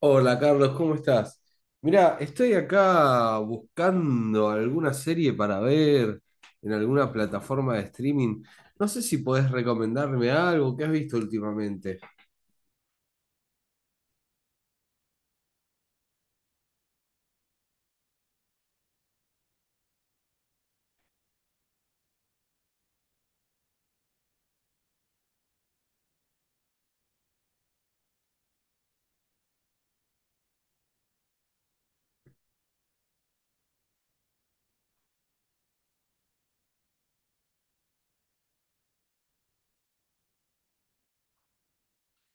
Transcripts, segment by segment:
Hola Carlos, ¿cómo estás? Mira, estoy acá buscando alguna serie para ver en alguna plataforma de streaming. No sé si podés recomendarme algo que has visto últimamente.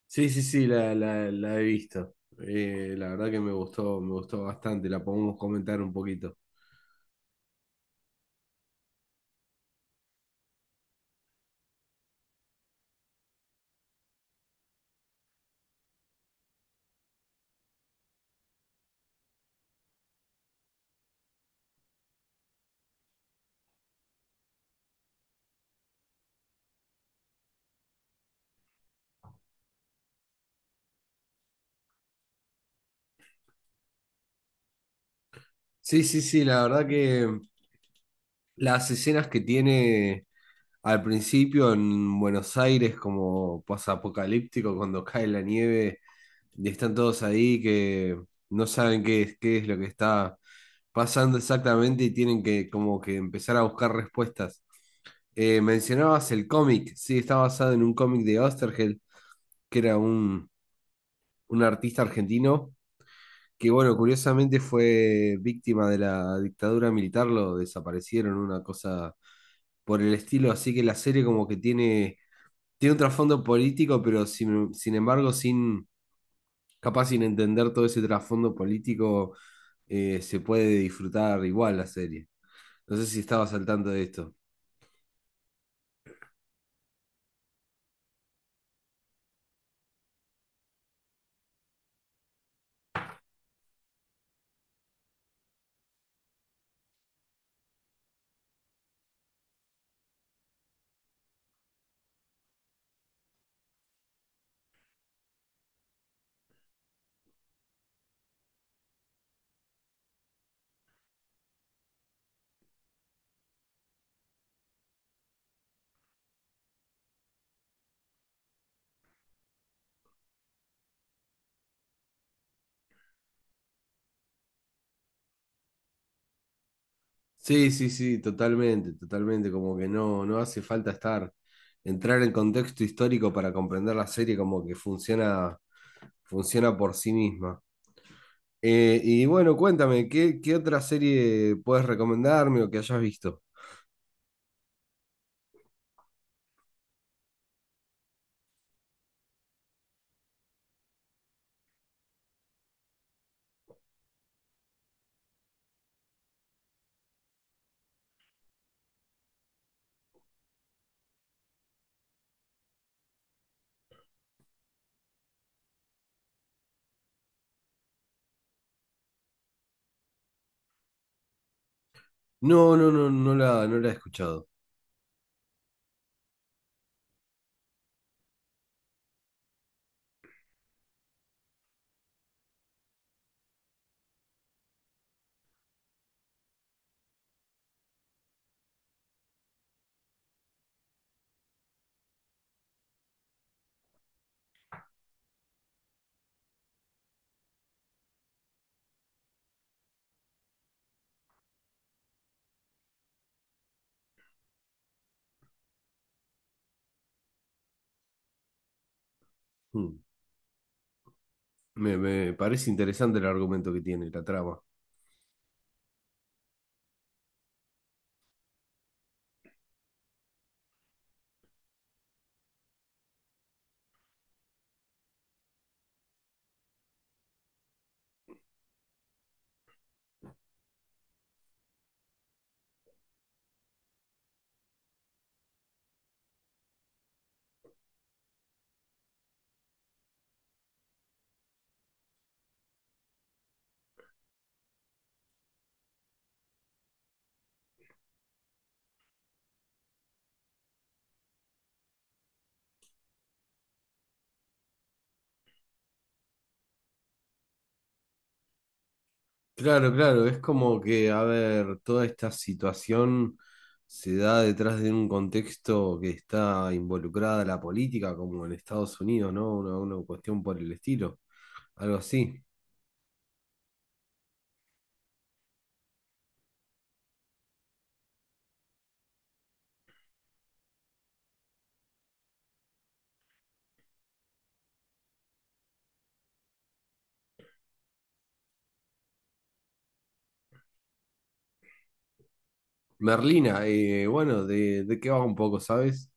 Sí, sí, sí, la he visto. La verdad que me gustó bastante. La podemos comentar un poquito. Sí, sí, sí, la verdad que las escenas que tiene al principio en Buenos Aires como posapocalíptico cuando cae la nieve, y están todos ahí que no saben qué es lo que está pasando exactamente y tienen que como que empezar a buscar respuestas. Mencionabas el cómic, sí, está basado en un cómic de Osterheld, que era un artista argentino, que bueno, curiosamente fue víctima de la dictadura militar, lo desaparecieron, una cosa por el estilo, así que la serie como que tiene un trasfondo político, pero sin embargo sin capaz sin entender todo ese trasfondo político, se puede disfrutar igual la serie. No sé si estabas al tanto de esto. Sí, sí, sí, totalmente, totalmente, como que no, no hace falta estar, entrar en contexto histórico para comprender la serie, como que funciona por sí misma. Y bueno, cuéntame, ¿qué, qué otra serie puedes recomendarme o que hayas visto? No, no, no, no la he escuchado. Mm. Me parece interesante el argumento que tiene, la trama. Claro, claro, es como que, a ver, toda esta situación se da detrás de un contexto que está involucrada la política, como en Estados Unidos, ¿no? Una cuestión por el estilo, algo así. Merlina, bueno, de qué va un poco, sabes?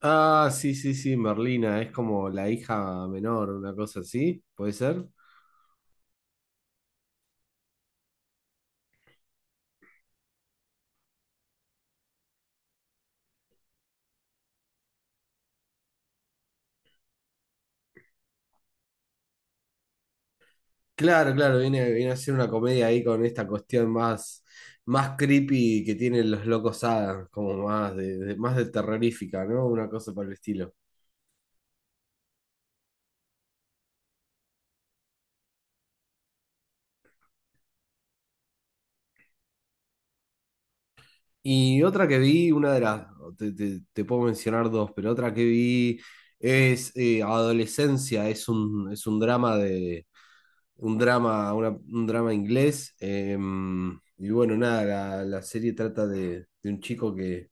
Ah, sí, sí, sí, Merlina, es como la hija menor, una cosa así, ¿puede ser? Claro, claro, viene a ser una comedia ahí con esta cuestión más, más creepy que tienen los locos Adams, como más más de terrorífica, ¿no? Una cosa por el estilo. Y otra que vi, te puedo mencionar dos, pero otra que vi es Adolescencia, es un drama un drama, un drama inglés. Eh, y bueno, nada, la serie trata de un chico que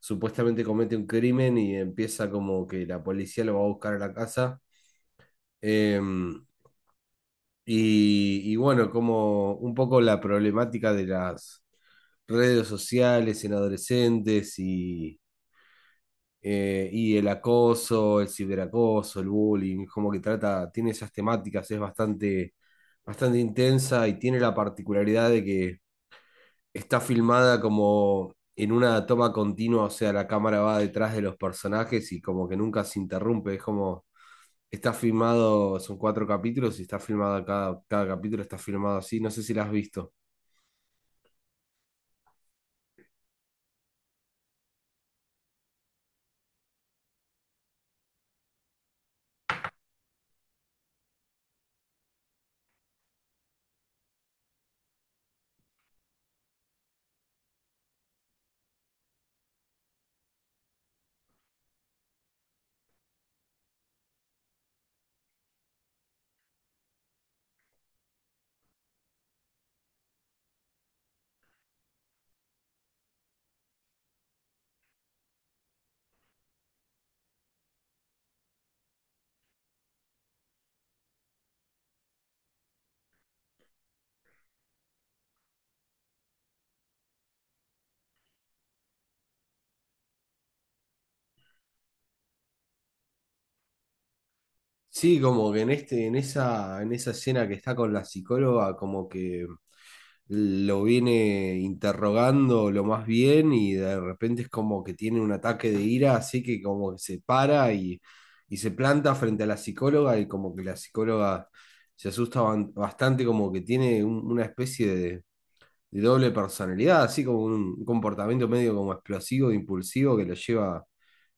supuestamente comete un crimen y empieza como que la policía lo va a buscar a la casa. eh, y bueno, como un poco la problemática de las redes sociales en adolescentes y el acoso, el ciberacoso, el bullying, como que trata, tiene esas temáticas, es bastante, bastante intensa y tiene la particularidad de que está filmada como en una toma continua, o sea, la cámara va detrás de los personajes y como que nunca se interrumpe, es como, está filmado, son cuatro capítulos y está filmado cada capítulo, está filmado así, no sé si la has visto. Sí, como que en este, en esa escena que está con la psicóloga, como que lo viene interrogando lo más bien y de repente es como que tiene un ataque de ira, así que como que y se planta frente a la psicóloga y como que la psicóloga se asusta bastante, como que tiene una especie de doble personalidad, así como un comportamiento medio como explosivo, impulsivo que lo lleva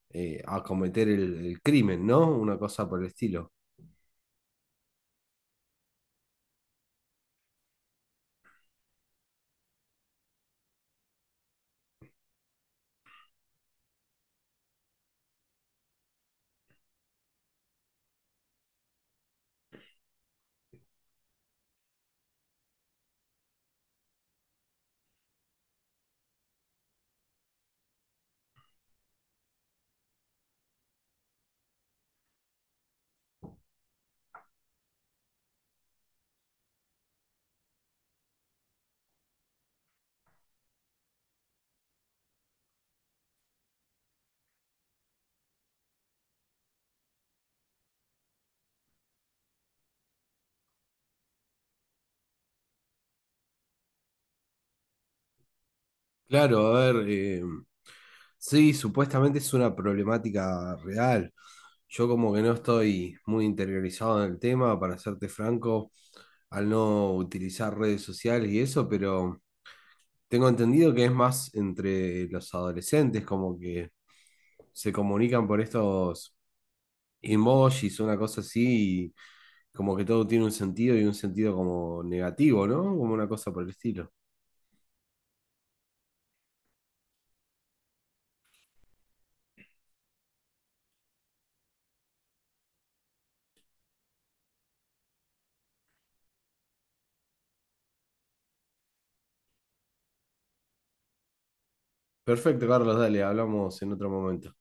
a cometer el crimen, ¿no? Una cosa por el estilo. Claro, a ver, sí, supuestamente es una problemática real. Yo como que no estoy muy interiorizado en el tema, para serte franco, al no utilizar redes sociales y eso, pero tengo entendido que es más entre los adolescentes, como que se comunican por estos emojis, una cosa así, y como que todo tiene un sentido y un sentido como negativo, ¿no? Como una cosa por el estilo. Perfecto, Carlos, dale, hablamos en otro momento.